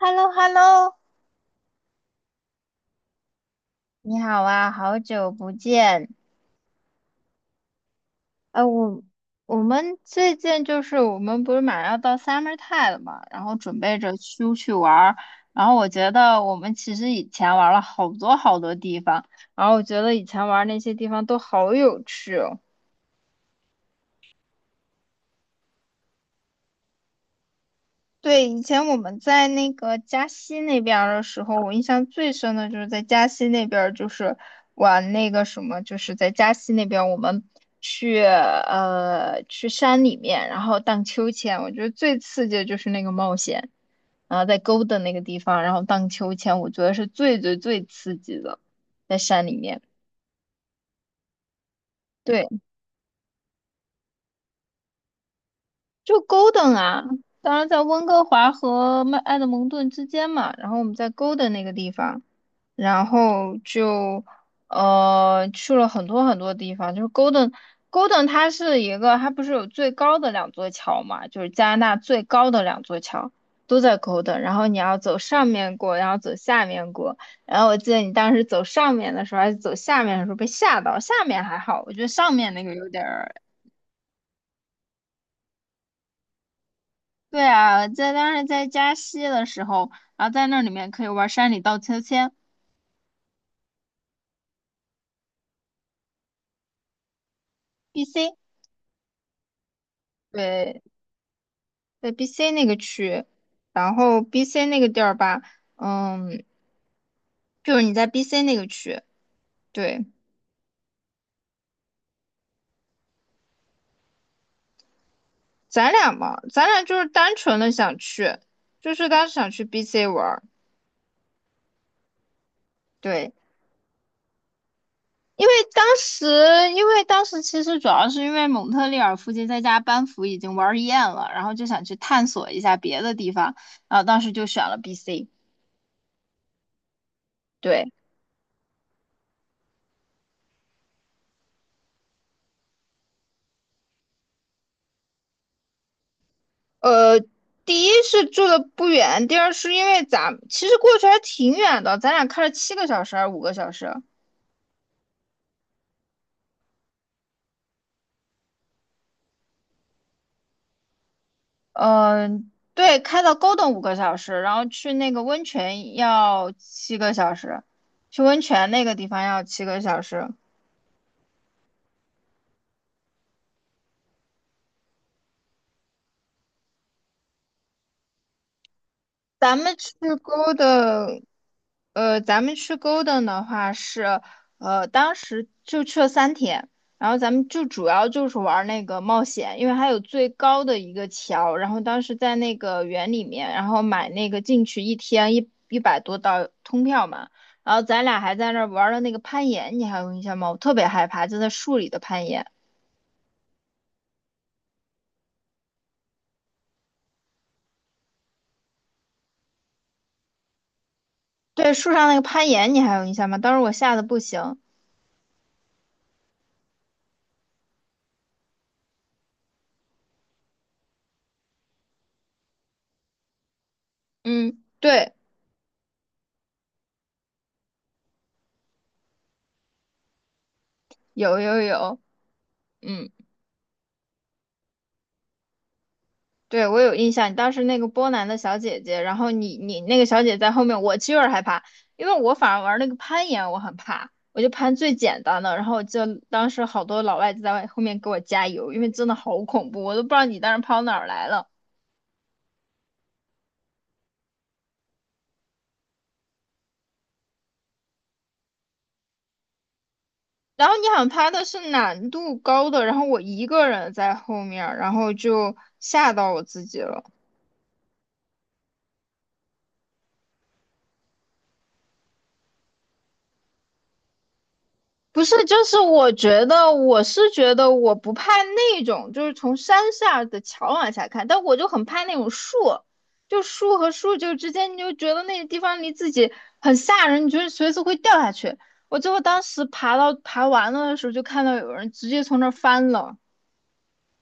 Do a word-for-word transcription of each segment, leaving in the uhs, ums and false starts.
h e l l o h e l l o 你好啊，好久不见。呃，我我们最近就是我们不是马上要到 summer time 了嘛，然后准备着出去玩儿。然后我觉得我们其实以前玩了好多好多地方，然后我觉得以前玩那些地方都好有趣哦。对，以前我们在那个嘉西那边儿的时候，我印象最深的就是在嘉西那边，就是玩那个什么，就是在嘉西那边，我们去呃去山里面，然后荡秋千。我觉得最刺激的就是那个冒险，然后在沟的那个地方，然后荡秋千，我觉得是最最最刺激的，在山里面。对，就 g o 啊，当然在温哥华和曼埃德蒙顿之间嘛，然后我们在 g o 那个地方。然后就呃去了很多很多地方，就是 Golden Golden 它是一个，它不是有最高的两座桥嘛，就是加拿大最高的两座桥都在 Golden，然后你要走上面过，然后走下面过，然后我记得你当时走上面的时候还是走下面的时候被吓到，下面还好，我觉得上面那个有点儿。对啊，在当时在加西的时候，然后在那里面可以玩山里荡秋千，B C。对，在 BC 那个区，然后 B C 那个地儿吧，嗯，就是你在 BC 那个区，对，咱俩嘛，咱俩就是单纯的想去，就是当时想去 B C 玩儿，对，因为当时，因为当时其实主要是因为蒙特利尔附近在家班服已经玩儿厌了，然后就想去探索一下别的地方，然后当时就选了 B C，对，呃，第一是住的不远，第二是因为咱其实过去还挺远的，咱俩开了七个小时还是五个小时？嗯、对，开到高等五个小时，然后去那个温泉要七个小时，去温泉那个地方要七个小时。咱们去 g 的，呃，咱们去 g o 的话是，呃，当时就去了三天，然后咱们就主要就是玩那个冒险，因为还有最高的一个桥，然后当时在那个园里面，然后买那个进去一天一一百多刀通票嘛，然后咱俩还在那儿玩了那个攀岩，你还有印象吗？我特别害怕，就在树里的攀岩，对，树上那个攀岩你还有印象吗？当时我吓得不行，嗯，对，有有有，嗯。对，我有印象，你当时那个波兰的小姐姐，然后你你那个小姐在后面，我就有点害怕，因为我反而玩那个攀岩我很怕，我就攀最简单的，然后就当时好多老外就在后面给我加油，因为真的好恐怖，我都不知道你当时跑哪儿来了。然后你好像爬的是难度高的，然后我一个人在后面儿然后就吓到我自己了。不是，就是我觉得我是觉得我不怕那种，就是从山下的桥往下看，但我就很怕那种树，就树和树就之间，你就觉得那个地方离自己很吓人，你觉得随时会掉下去。我最后当时爬到爬完了的时候，就看到有人直接从那儿翻了。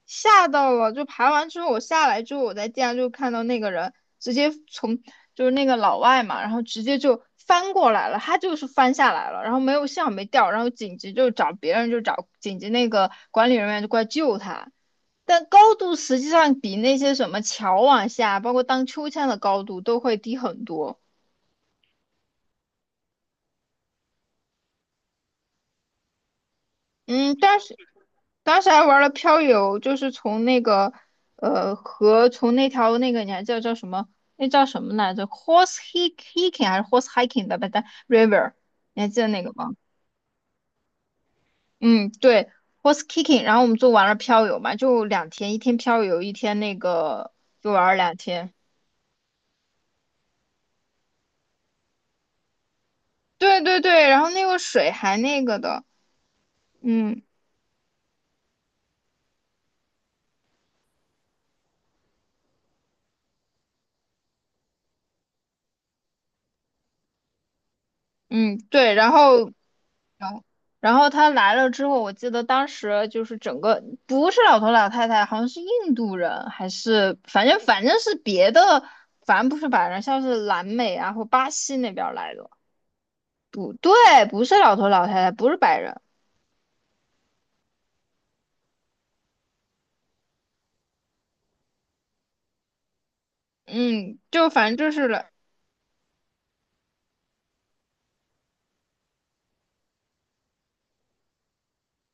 吓到了，就爬完之后我下来之后，我在地上就看到那个人直接从就是那个老外嘛，然后直接就翻过来了，他就是翻下来了，然后没有幸好没掉，然后紧急就找别人就找紧急那个管理人员就过来救他，但高度实际上比那些什么桥往下，包括荡秋千的高度都会低很多。嗯，但是当时还玩了漂流，就是从那个呃河，从那条那个你还记得叫什么？那叫什么来着？Horse hi- hiking 还是 horse hiking 的吧？但 river，你还记得那个吗？嗯，对，horse hiking。然后我们就玩了漂流嘛，就两天，一天漂流，一天那个，就玩了两天。对对对，然后那个水还那个的，嗯嗯，对，然后然后他来了之后，我记得当时就是整个不是老头老太太，好像是印度人，还是反正反正是别的，反正不是白人，像是南美啊或巴西那边儿来的。不对，不是老头老太太，不是白人。嗯，就反正就是了，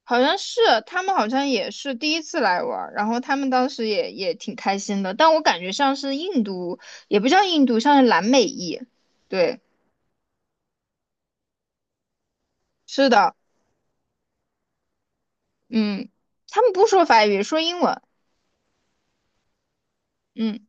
好像是他们好像也是第一次来玩儿然后他们当时也也挺开心的，但我感觉像是印度，也不叫印度，像是南美裔。对，是的，嗯，他们不说法语，说英文。嗯，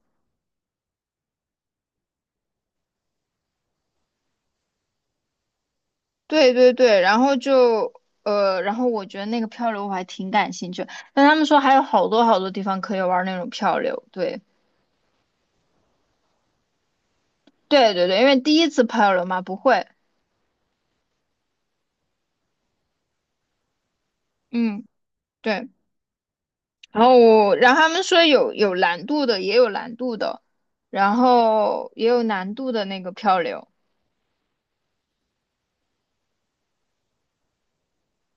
对对对，然后就呃，然后我觉得那个漂流我还挺感兴趣，但他们说还有好多好多地方可以玩那种漂流，对对对对，因为第一次漂流嘛，不会，嗯，对，然后我然后他们说有有难度的，也有难度的，然后也有难度的那个漂流，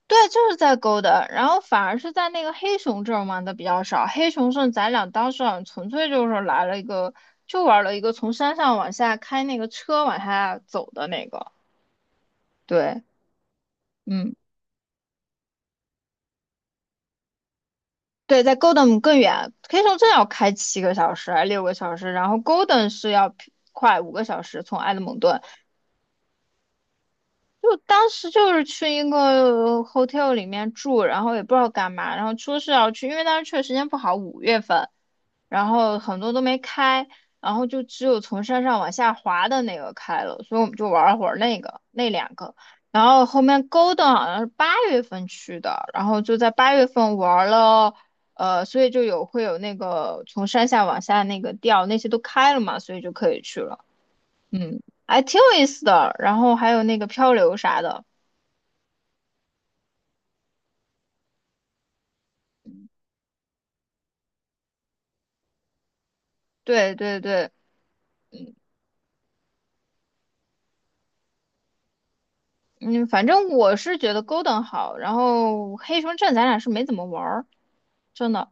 对，就是在 Golden，然后反而是在那个黑熊镇玩的比较少。黑熊镇咱俩当时好像纯粹就是来了一个，就玩了一个从山上往下开那个车往下走的那个。对，嗯，对，在 Golden 更远，黑熊镇要开七个小时还是六个小时，然后 Golden 是要快五个小时从埃德蒙顿。就当时就是去一个 hotel 里面住，然后也不知道干嘛，然后说是要去，因为当时去的时间不好，五月份。然后很多都没开，然后就只有从山上往下滑的那个开了，所以我们就玩了会儿那个那两个，然后后面勾的好像是八月份去的，然后就在八月份玩了，呃，所以就有会有那个从山下往下那个吊，那些都开了嘛，所以就可以去了，嗯，还挺有意思的，然后还有那个漂流啥的，对对对。嗯，反正我是觉得 Golden 好，然后黑熊镇咱俩是没怎么玩儿，真的。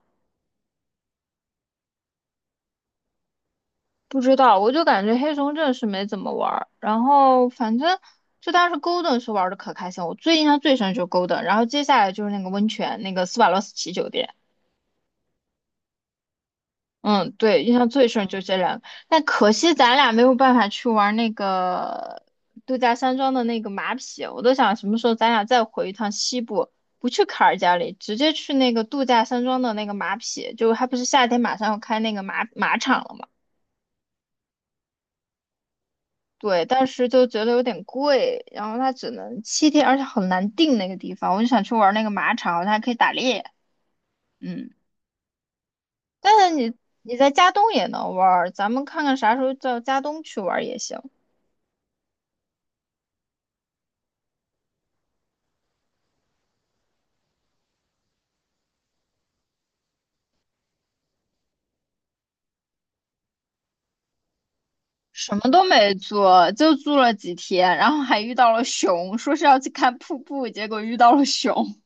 不知道，我就感觉黑熊镇是没怎么玩儿，然后反正就当时 Golden 是玩的可开心，我最印象最深就是 Golden，然后接下来就是那个温泉，那个斯瓦洛斯奇酒店，嗯，对，印象最深就这两个，但可惜咱俩没有办法去玩那个度假山庄的那个马匹，我都想什么时候咱俩再回一趟西部，不去卡尔加里，直接去那个度假山庄的那个马匹，就还不是夏天马上要开那个马马场了吗？对，但是就觉得有点贵，然后它只能七天，而且很难定那个地方。我就想去玩那个马场，它还可以打猎，嗯。但是你你在加东也能玩儿咱们看看啥时候到加东去玩儿也行。什么都没做，就住了几天，然后还遇到了熊，说是要去看瀑布，结果遇到了熊。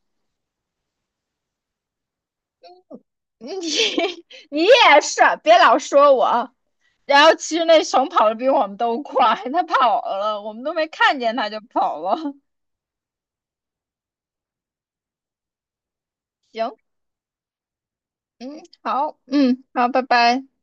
你你也是啊，别老说我。然后其实那熊跑得比我们都快，它跑了，我们都没看见它就跑了。行，嗯，好，嗯，好，拜拜。